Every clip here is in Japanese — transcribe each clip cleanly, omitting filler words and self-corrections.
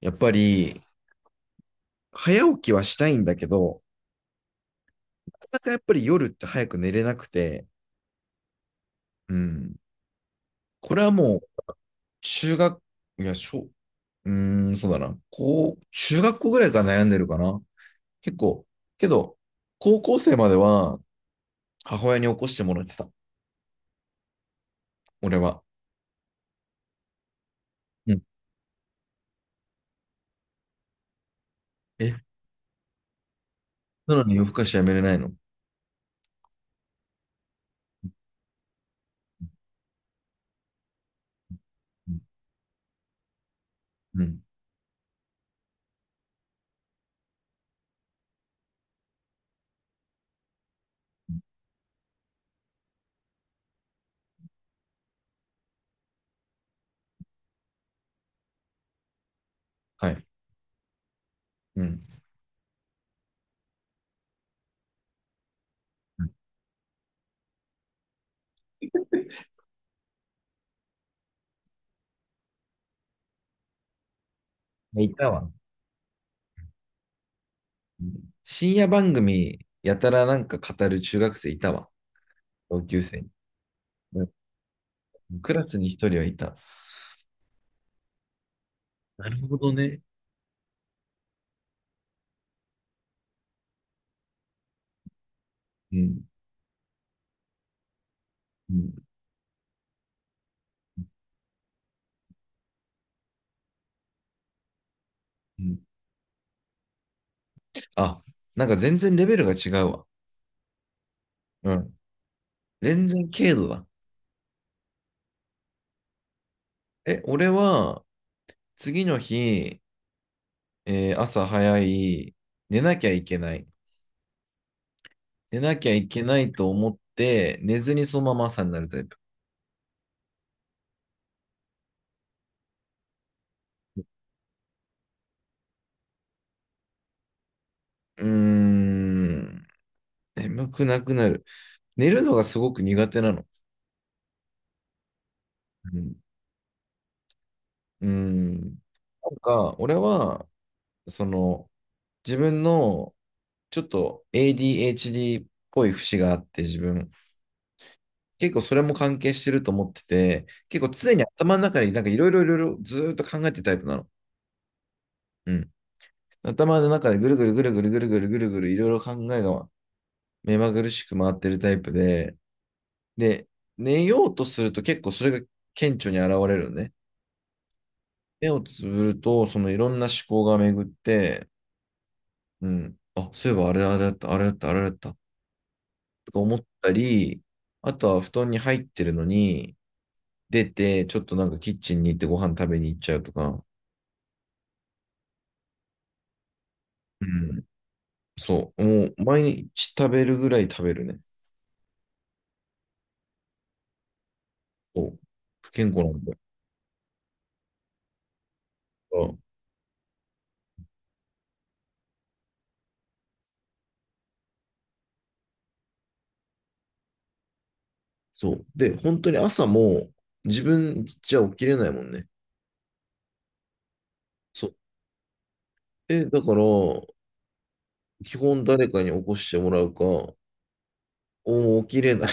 やっぱり、早起きはしたいんだけど、なかなかやっぱり夜って早く寝れなくて、うん。これはもう、中学、いや、小、うーん、そうだな。こう、中学校ぐらいから悩んでるかな。結構、けど、高校生までは母親に起こしてもらってた。俺は。うん。え、なのに夜更かしやめれないの？うん。うん。はい。うん。うん。いたわ。うん。深夜番組、やたらなんか語る中学生いたわ。同級生に。クラスに一人はいた。なるほどね。うん。うん。うん。あ、なんか全然レベルが違うわ。うん。全然軽度だ。え、俺は次の日、朝早い、寝なきゃいけない。寝なきゃいけないと思って、寝ずにそのまま朝になるタイプ。うーん。眠くなくなる。寝るのがすごく苦手なの。うん。うーん。なんか、俺は、その、自分のちょっと ADHD っぽい節があって自分、結構それも関係してると思ってて、結構常に頭の中になんかいろいろいろいろずっと考えてるタイプなの。うん。頭の中でぐるぐるぐるぐるぐるぐるぐるぐるいろいろ考えが目まぐるしく回ってるタイプで、で、寝ようとすると結構それが顕著に現れるね。目をつぶると、そのいろんな思考が巡って、うん。あ、そういえばあれあれだった、あれだった、あれだった、とか思ったり、あとは布団に入ってるのに、出て、ちょっとなんかキッチンに行ってご飯食べに行っちゃうとか、うん。そう、もう毎日食べるぐらい食べるね。そう。不健康なんだよ。あ、そう。で、本当に朝も自分じゃ起きれないもんね。そう。え、だから、基本誰かに起こしてもらうか、起きれない。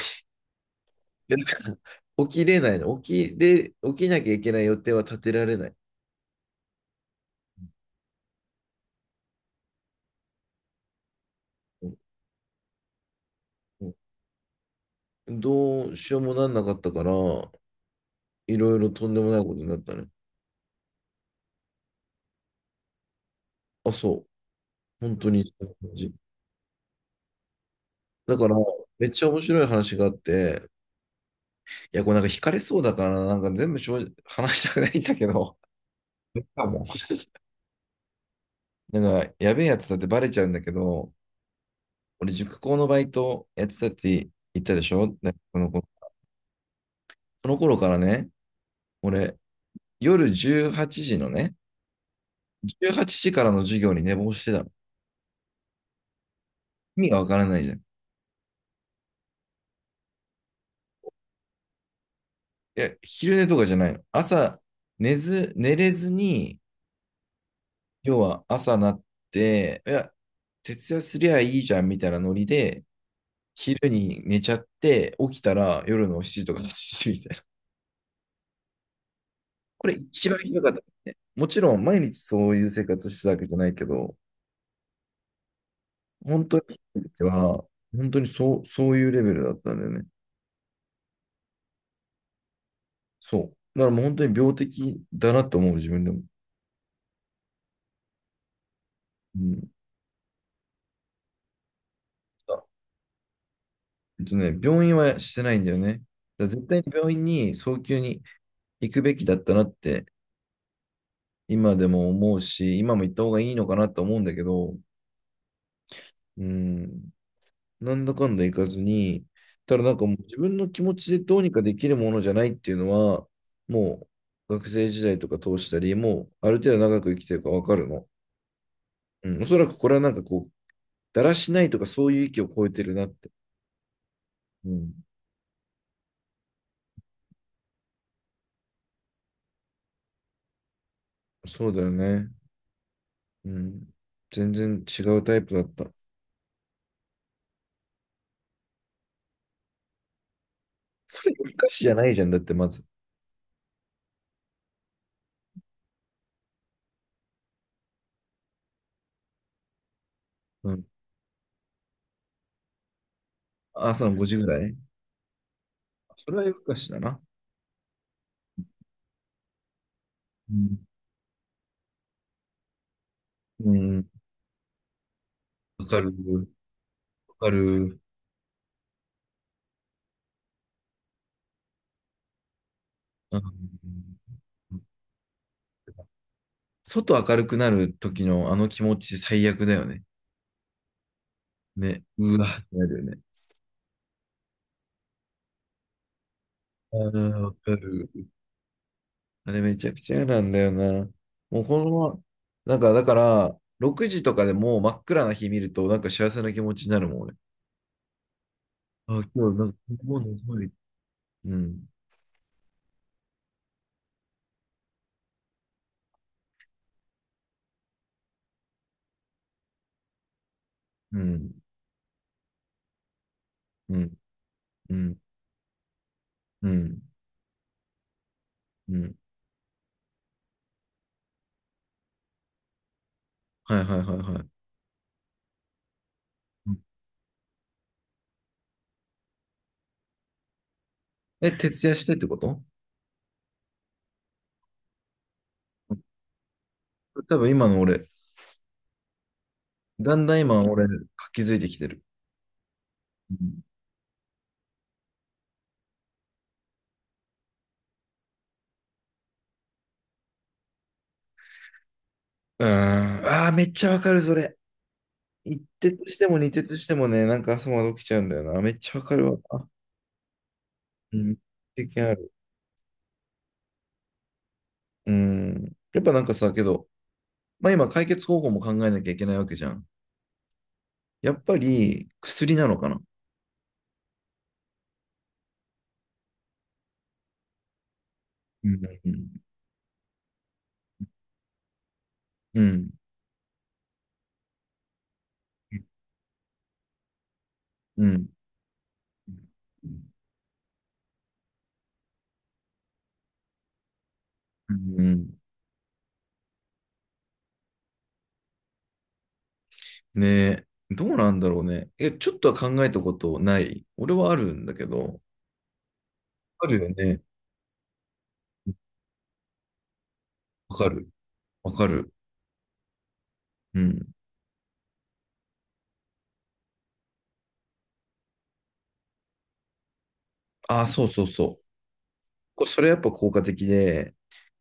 だから起きれないの。起きなきゃいけない予定は立てられない。うん。うん。どうしようもなんなかったから、いろいろとんでもないことになったね。あ、そう。本当にそんな感じ。だから、めっちゃ面白い話があって、いや、これなんか惹かれそうだから、なんか全部正直話したくないんだけど、なんか、やべえやつだってバレちゃうんだけど、俺、塾講のバイトやってたって言ったでしょ？ね、この子。その頃からね、俺、夜18時のね、18時からの授業に寝坊してたの。意味がわからないじゃん。いや、昼寝とかじゃないの。朝、寝れずに、要は朝なって、いや、徹夜すりゃいいじゃんみたいなノリで、昼に寝ちゃって、起きたら夜の7時とか8時みたいな。これ一番ひどかった。もちろん毎日そういう生活をしてたわけじゃないけど、本当にっは、本当にそう、そういうレベルだったんだよね。そう。だからもう本当に病的だなと思う、自分でも。うん。あ、病院はしてないんだよね。だから絶対に病院に早急に行くべきだったなって今でも思うし、今も行った方がいいのかなと思うんだけど、うん、なんだかんだ行かずに、ただなんかもう自分の気持ちでどうにかできるものじゃないっていうのは、もう学生時代とか通したり、もうある程度長く生きてるからわかるの。うん、おそらくこれはなんかこう、だらしないとかそういう域を超えてるなって。うん、そうだよね。うん、全然違うタイプだった。それ夜更かしじゃないじゃん、だってまず。うん、朝の5時ぐらい。それは夜更かしだな。うん。うん。わかる、わかる。うん。外明るくなる時のあの気持ち最悪だよね。ね。うわってなるよね。ああ、わかる。あれめちゃくちゃ嫌なんだよな。もうこのまま、なんかだから、6時とかでもう真っ暗な日見ると、なんか幸せな気持ちになるもん、俺。あ、今日なんか、もうのすごい。うん、うん、うん、うん、うん、うん。はいはいはいはい。うん。え、徹夜してってこと？多分今の俺、だんだん今、俺、気づいてきてる。うん。うーん。ああ、めっちゃわかる、それ。一徹しても二徹してもね、なんか朝まで起きちゃうんだよな。めっちゃわかるわ。うん。経験ある。うん。やっぱなんかさ、けど、まあ今、解決方法も考えなきゃいけないわけじゃん。やっぱり、薬なのかな。うん。うん。うん。うん。うん。ねえ。どうなんだろうね。え、ちょっとは考えたことない？俺はあるんだけど。あるよね。わかる。わかる。うん。ああ、そうそうそう。それやっぱ効果的で、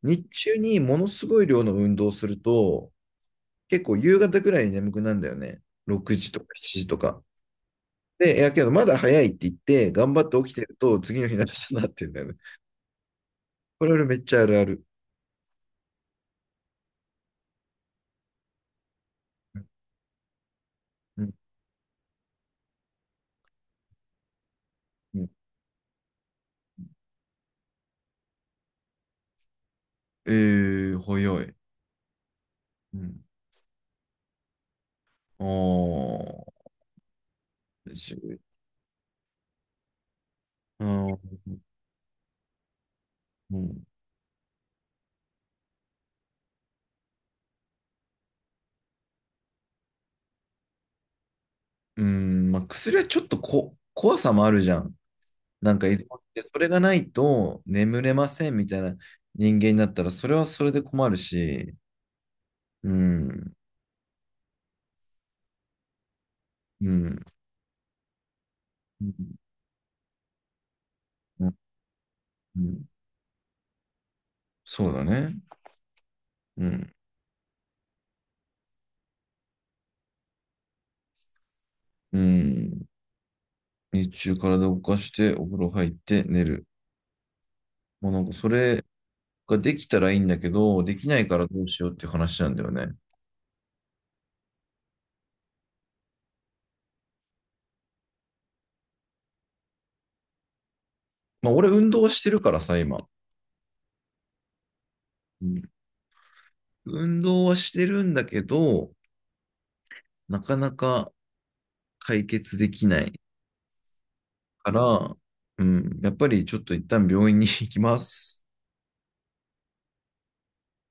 日中にものすごい量の運動をすると、結構夕方くらいに眠くなるんだよね。6時とか7時とか。で、いやけどまだ早いって言って、頑張って起きてると、次の日の朝になってんだよね。これ俺めっちゃあるある。うん。うん、えー、早い。うん。ああ、じゅうあーうん。うん、まあ、薬はちょっとこ怖さもあるじゃん。なんか依存ってそれがないと眠れませんみたいな人間になったらそれはそれで困るし、うん、うん、うん、うん。うん。そうだね。うん、うん。日中体を動かしてお風呂入って寝る。もうなんかそれができたらいいんだけど、できないからどうしようっていう話なんだよね。まあ俺運動はしてるからさ、今。うん。運動はしてるんだけど、なかなか解決できないから、うん、やっぱりちょっと一旦病院に行きます。